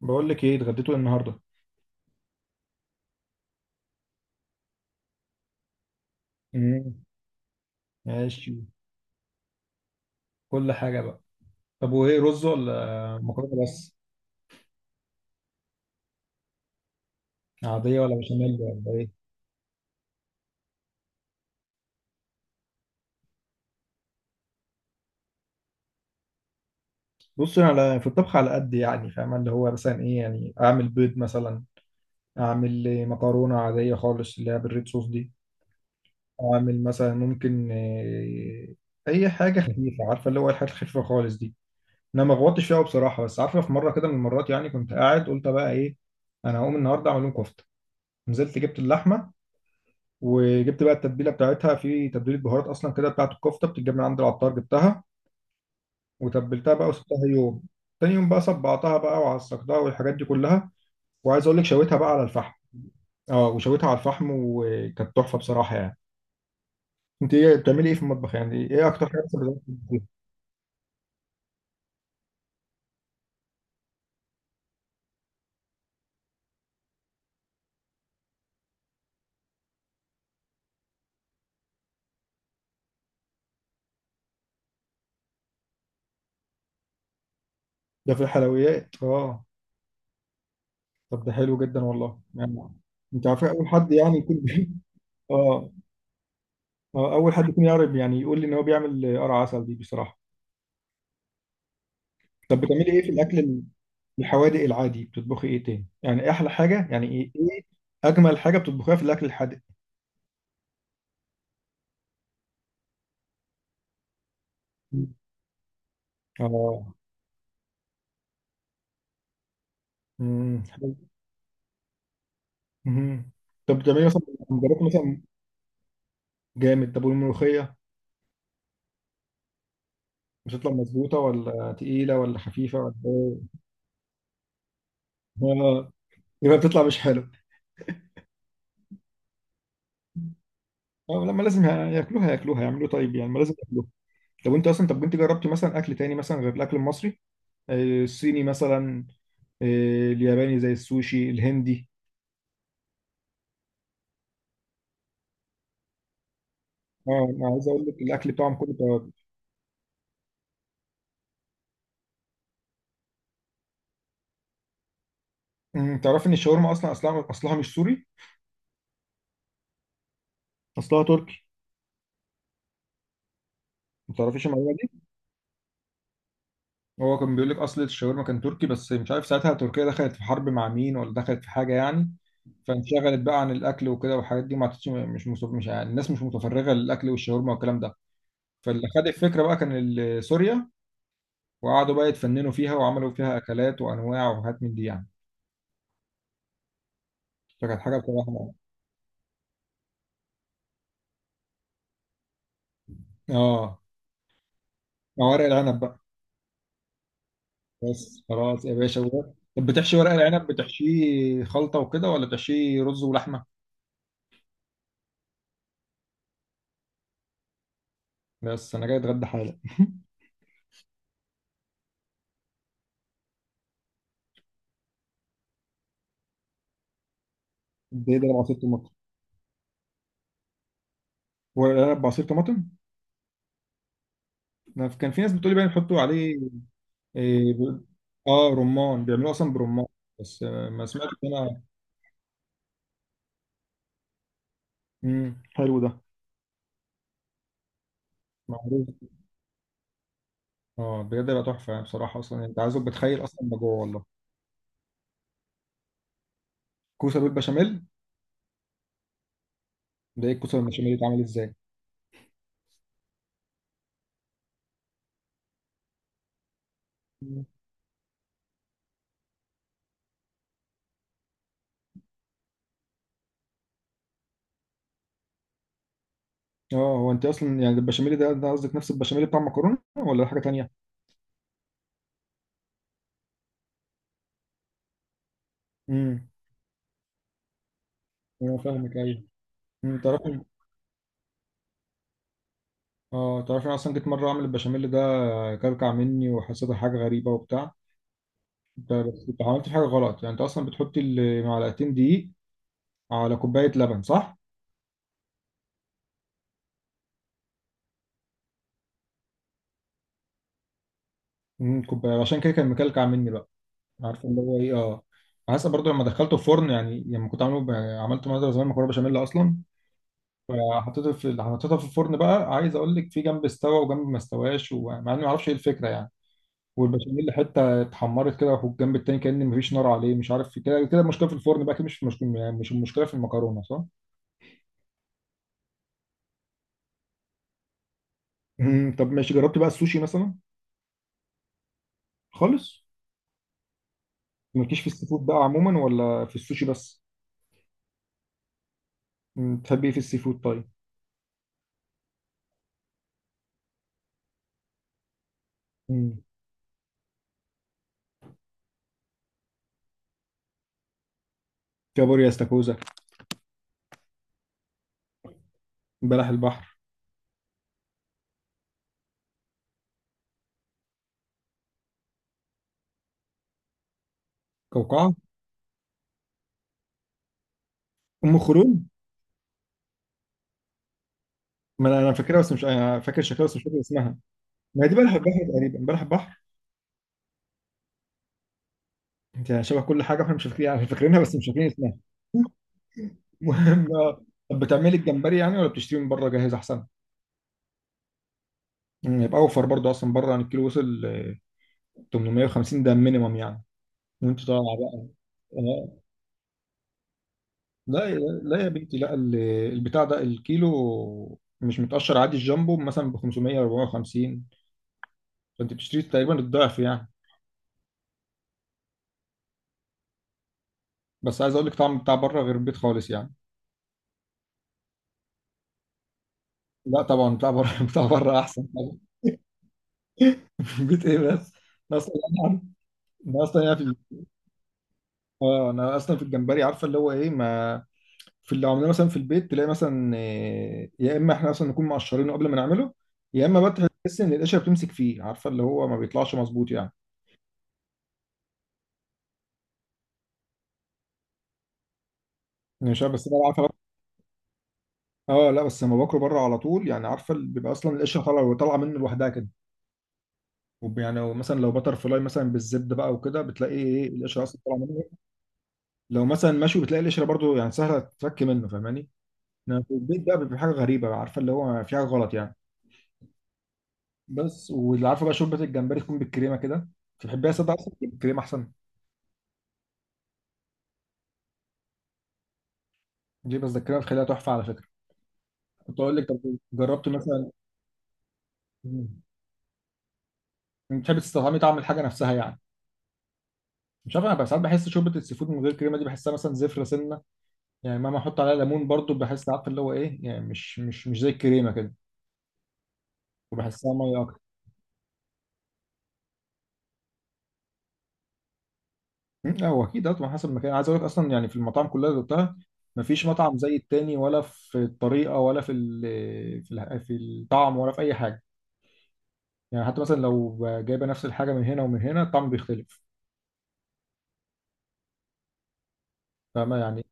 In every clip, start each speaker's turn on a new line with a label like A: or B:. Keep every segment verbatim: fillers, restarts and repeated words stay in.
A: بقول لك ايه، اتغديتوا إيه النهارده؟ مم. ماشي. كل حاجه بقى. طب وايه، رز ولا مكرونه بس؟ عاديه ولا بشاميل ولا ايه؟ بص، انا على- في الطبخ على قد يعني، فاهم اللي هو مثلا ايه، يعني اعمل بيض مثلا، اعمل إيه، مكرونه عاديه خالص اللي هي بالريد صوص دي، اعمل مثلا ممكن إيه اي حاجه خفيفه، عارفه اللي هو الحاجات الخفيفه خالص دي. انا ما غوطتش فيها بصراحه، بس عارفه في مره كده من المرات، يعني كنت قاعد قلت بقى ايه، انا هقوم النهارده اعمل لهم كفته. نزلت جبت اللحمه، وجبت بقى التتبيله بتاعتها، في تتبيله بهارات اصلا كده بتاعت الكفته بتتجاب من عند العطار، جبتها وتبلتها بقى وسبتها يوم. تاني يوم بقى صبعتها بقى وعصقتها والحاجات دي كلها، وعايز اقول لك شويتها بقى على الفحم. اه، وشويتها على الفحم وكانت تحفه بصراحه يعني. انت ايه بتعملي ايه في المطبخ يعني، ايه اكتر حاجه مثلاً بتعملي؟ ده في الحلويات اه. طب ده حلو جدا والله يعني. انت عارف اول حد يعني يكون اه. آه، اول حد يكون يعرف يعني يقول لي ان هو بيعمل قرع عسل دي بصراحه. طب بتعملي ايه في الاكل ال- الحوادق العادي، بتطبخي ايه تاني يعني، إيه احلى حاجه، يعني ايه ايه اجمل حاجه بتطبخيها في الاكل الحادق؟ اه. امم حلو. مهم. طب بتعملي مثلا جربت مثلا جامد، طب والملوخيه بتطلع مظبوطه ولا تقيله ولا خفيفه ولا ايه؟ آه، يبقى بتطلع مش حلو. اه، لما لازم ياكلوها ياكلوها، يعملوا طيب يعني، ما لازم ياكلوها. طب انت اصلا، طب انت جربتي مثلا اكل تاني مثلا غير الاكل المصري؟ آه، الصيني مثلا، آه، الياباني زي السوشي، الهندي؟ اه انا عايز اقول لك الاكل بتاعهم كله توابل. أمم، تعرفي ان الشاورما اصلا اصلها اصلها مش سوري، اصلها تركي. ما تعرفيش المعلومه دي. هو كان بيقول لك اصل الشاورما كان تركي، بس مش عارف ساعتها تركيا دخلت في حرب مع مين ولا دخلت في حاجه يعني، فانشغلت بقى عن الاكل وكده والحاجات دي ما عادتش، مش مصف... مش يعني الناس مش متفرغه للاكل والشاورما والكلام ده. فاللي خد الفكره بقى كان ال- سوريا، وقعدوا بقى يتفننوا فيها وعملوا فيها اكلات وانواع وحاجات من دي يعني. فكانت حاجه بصراحه. اه، مع ورق العنب بقى. بس خلاص يا باشا و- طب بتحشي ورق العنب بتحشيه خلطة وكده، ولا بتحشيه رز ولحمة؟ بس أنا جاي أتغدى حالا ده ده بعصير طماطم؟ ورق العنب بعصير طماطم؟ أنا كان في ناس بتقولي بقى بيحطوا عليه إيه ب- آه رمان، بيعملوه أصلا برمان؟ بس آه، ما سمعتش أنا. مم. حلو ده. معروف. اه بجد بقى تحفة يعني، بصراحة أصلا يعني أنت عايزك بتخيل أصلا ما جوه والله. كوسة بالبشاميل، ده إيه الكوسة بالبشاميل دي اتعمل إزاي؟ مم. اه هو أنت أصلا يعني البشاميل ده، ده قصدك نفس البشاميل بتاع المكرونة ولا حاجة تانية؟ مم. انا فاهمك ايوه. أمم، تعرفي. اه تعرفي أنا اصلا جيت مره اعمل البشاميل ده، كلكع مني وحسيتها حاجه غريبه وبتاع. انت بس انت عملت حاجه غلط يعني، انت اصلا بتحطي ال- معلقتين دقيق على كوبايه لبن صح؟ امم كوبايه، عشان كده كان مكلكع مني بقى. عارفه اللي هو ايه، اه حاسس برضه لما دخلته الفرن يعني، لما كنت عامله ب- عملت مره زمان مكرونه بشاميل اصلا، فحطيته في حطيتها في الفرن بقى. عايز اقول لك في جنب استوى وجنب ما استواش، ومع اني ما اعرفش ايه الفكره يعني، والبشاميل حته اتحمرت كده في الجنب التاني، كأن مفيش نار عليه، مش عارف، في كده كده المشكله في الفرن بقى، كده مش في المشكله يعني، مش المشكله في المكرونه صح؟ مم. طب ماشي، جربت بقى السوشي مثلا؟ خالص؟ مالكيش في السي فود بقى عموما، ولا في السوشي بس؟ مم. بتحبي ايه في السي فود طيب؟ مم. كابوريا، استاكوزا؟ بلح البحر؟ كوكعه؟ ام خرون؟ ما انا أنا فاكرها، بس مش أنا فاكر شكلها، بس مش فاكر اسمها. ما هي دي بلح البحر تقريبا، بلح البحر. انت شبه كل حاجه، احنا مش فاكرين يعني، فاكرينها بس مش فاكرين اسمها. المهم آه، طب بتعملي الجمبري يعني، ولا بتشتري من بره جاهز احسن؟ مم، يبقى اوفر برضه، اصلا بره عن الكيلو وصل آه، ثمنمية وخمسين، ده مينيمم يعني وانت طالع بقى. آه، لا، لا يا بنتي، لا ال- البتاع ده الكيلو مش متقشر عادي، الجامبو مثلا ب خمسمائة اربعمية وخمسين، فانت بتشتري تقريبا الضعف يعني. بس عايز اقول لك طعم بتاع بره غير البيت خالص يعني. لا طبعا بتاع بره بتاع بره احسن طبعا البيت ايه بس. انا اصلا، انا اصلا يعني في ال- اه انا اصلا في الجمبري عارفه اللي هو ايه، ما في اللي عملناه مثلا في البيت تلاقي مثلا آه، يا اما احنا اصلا نكون مقشرينه قبل ما نعمله، يا اما بقى تحس ان القشره بتمسك فيه، عارفه اللي هو ما بيطلعش مظبوط يعني، يعني مش عارف بس انا عارفه. اه لا بس لما باكله بره على طول يعني، عارفه اللي بيبقى اصلا القشره طالعه طالعه منه لوحدها كده. وب- يعني مثلا لو بتر فلاي مثلا بالزبده بقى وكده، بتلاقي ايه إيه، القشره اصلا طالعه منه. لو مثلا مشوي بتلاقي القشره برضو يعني سهله تتفك منه، فاهماني. انما في البيت بقى بيبقى حاجه غريبه، عارفه اللي هو في حاجه غلط يعني. بس واللي عارفه بقى شوربه الجمبري تكون بالكريمه كده، تحبيها ساده اصلا ولا بالكريمه احسن؟ دي بتذكرها بخليها تحفه على فكره. كنت اقول لك طب جربت مثلا، مم. بتحب تستطعمي طعم الحاجه نفسها يعني؟ مش عارف انا بقى، ساعات بحس شوربه السي فود من غير كريمه دي بحسها مثلا زفره سنه يعني، مهما احط عليها ليمون برضو بحس عارف اللي هو ايه يعني، مش مش مش زي الكريمه كده، وبحسها ميه اكتر. مم، لا هو اكيد طبعا حسب المكان، عايز اقول لك اصلا يعني في المطاعم كلها اللي دقتها مفيش مطعم زي التاني، ولا في الطريقه ولا في ال، في ال- في الطعم ولا في اي حاجه. يعني حتى مثلا لو جايبه نفس الحاجه من هنا ومن هنا الطعم بيختلف. فاهمه يعني.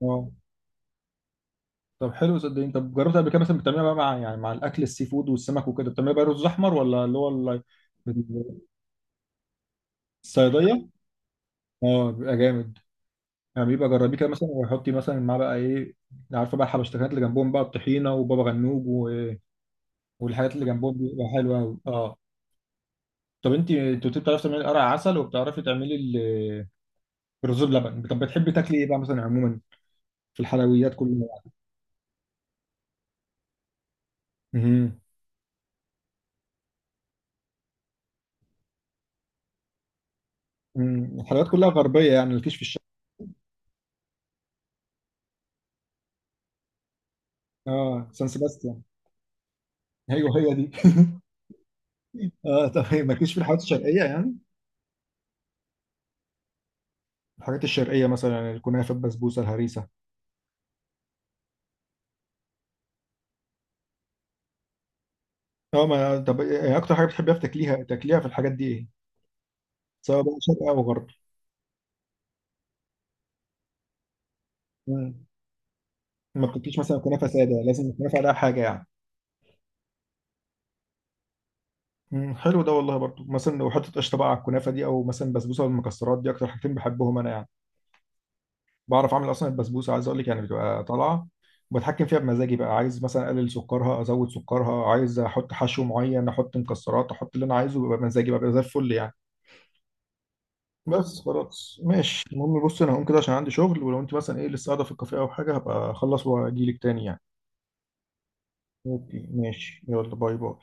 A: امم، طب حلو صدقني. طب جربت قبل كده مثلا بتعملها بقى مع يعني، مع الاكل السي فود والسمك وكده، بتعملها بقى رز احمر ولا اللي هو ال- الصياديه. اه بيبقى جامد يعني، بيبقى جربيه كده مثلا وحطي مثلا معاه بقى ايه، عارفه بقى الحبشتكنات اللي جنبهم بقى الطحينه وبابا غنوج و- والحاجات اللي جنبهم دي، بتبقى حلوه قوي اه. طب انت انت قلت بتعرفي تعملي قرع عسل، وبتعرفي تعملي ال- الرز بلبن. طب بتحبي تاكلي ايه بقى مثلا عموما في الحلويات كلها؟ امم. الحلويات كلها غربيه يعني، الكشف الشرقي. اه سان سيباستيان. ايوه هي دي. اه طب مالكيش في الحلويات الشرقيه يعني، الحاجات الشرقيه مثلا الكنافه البسبوسه الهريسه؟ اه ما طب إيه اكتر حاجه بتحبيها في تاكليها تاكليها في الحاجات دي ايه، سواء بقى شرق او غرب؟ مم. ما بتاكليش مثلا كنافه ساده، لازم الكنافه عليها حاجه يعني؟ مم. حلو ده والله. برضو مثلا لو حطيت قشطه بقى على الكنافه دي، او مثلا بسبوسه والمكسرات، دي اكتر حاجتين بحبهم انا يعني. بعرف اعمل اصلا البسبوسه، عايز اقول لك يعني بتبقى طالعه، بتحكم فيها بمزاجي بقى، عايز مثلا اقلل سكرها، ازود سكرها، عايز احط حشو معين، احط مكسرات، احط اللي انا عايزه، بيبقى بمزاجي بقى بيبقى زي الفل يعني. بس خلاص ماشي. المهم بص انا هقوم كده عشان عندي شغل، ولو انت مثلا ايه لسه قاعده في الكافيه او حاجه، هبقى اخلص واجيلك تاني يعني. اوكي ماشي، يلا باي باي.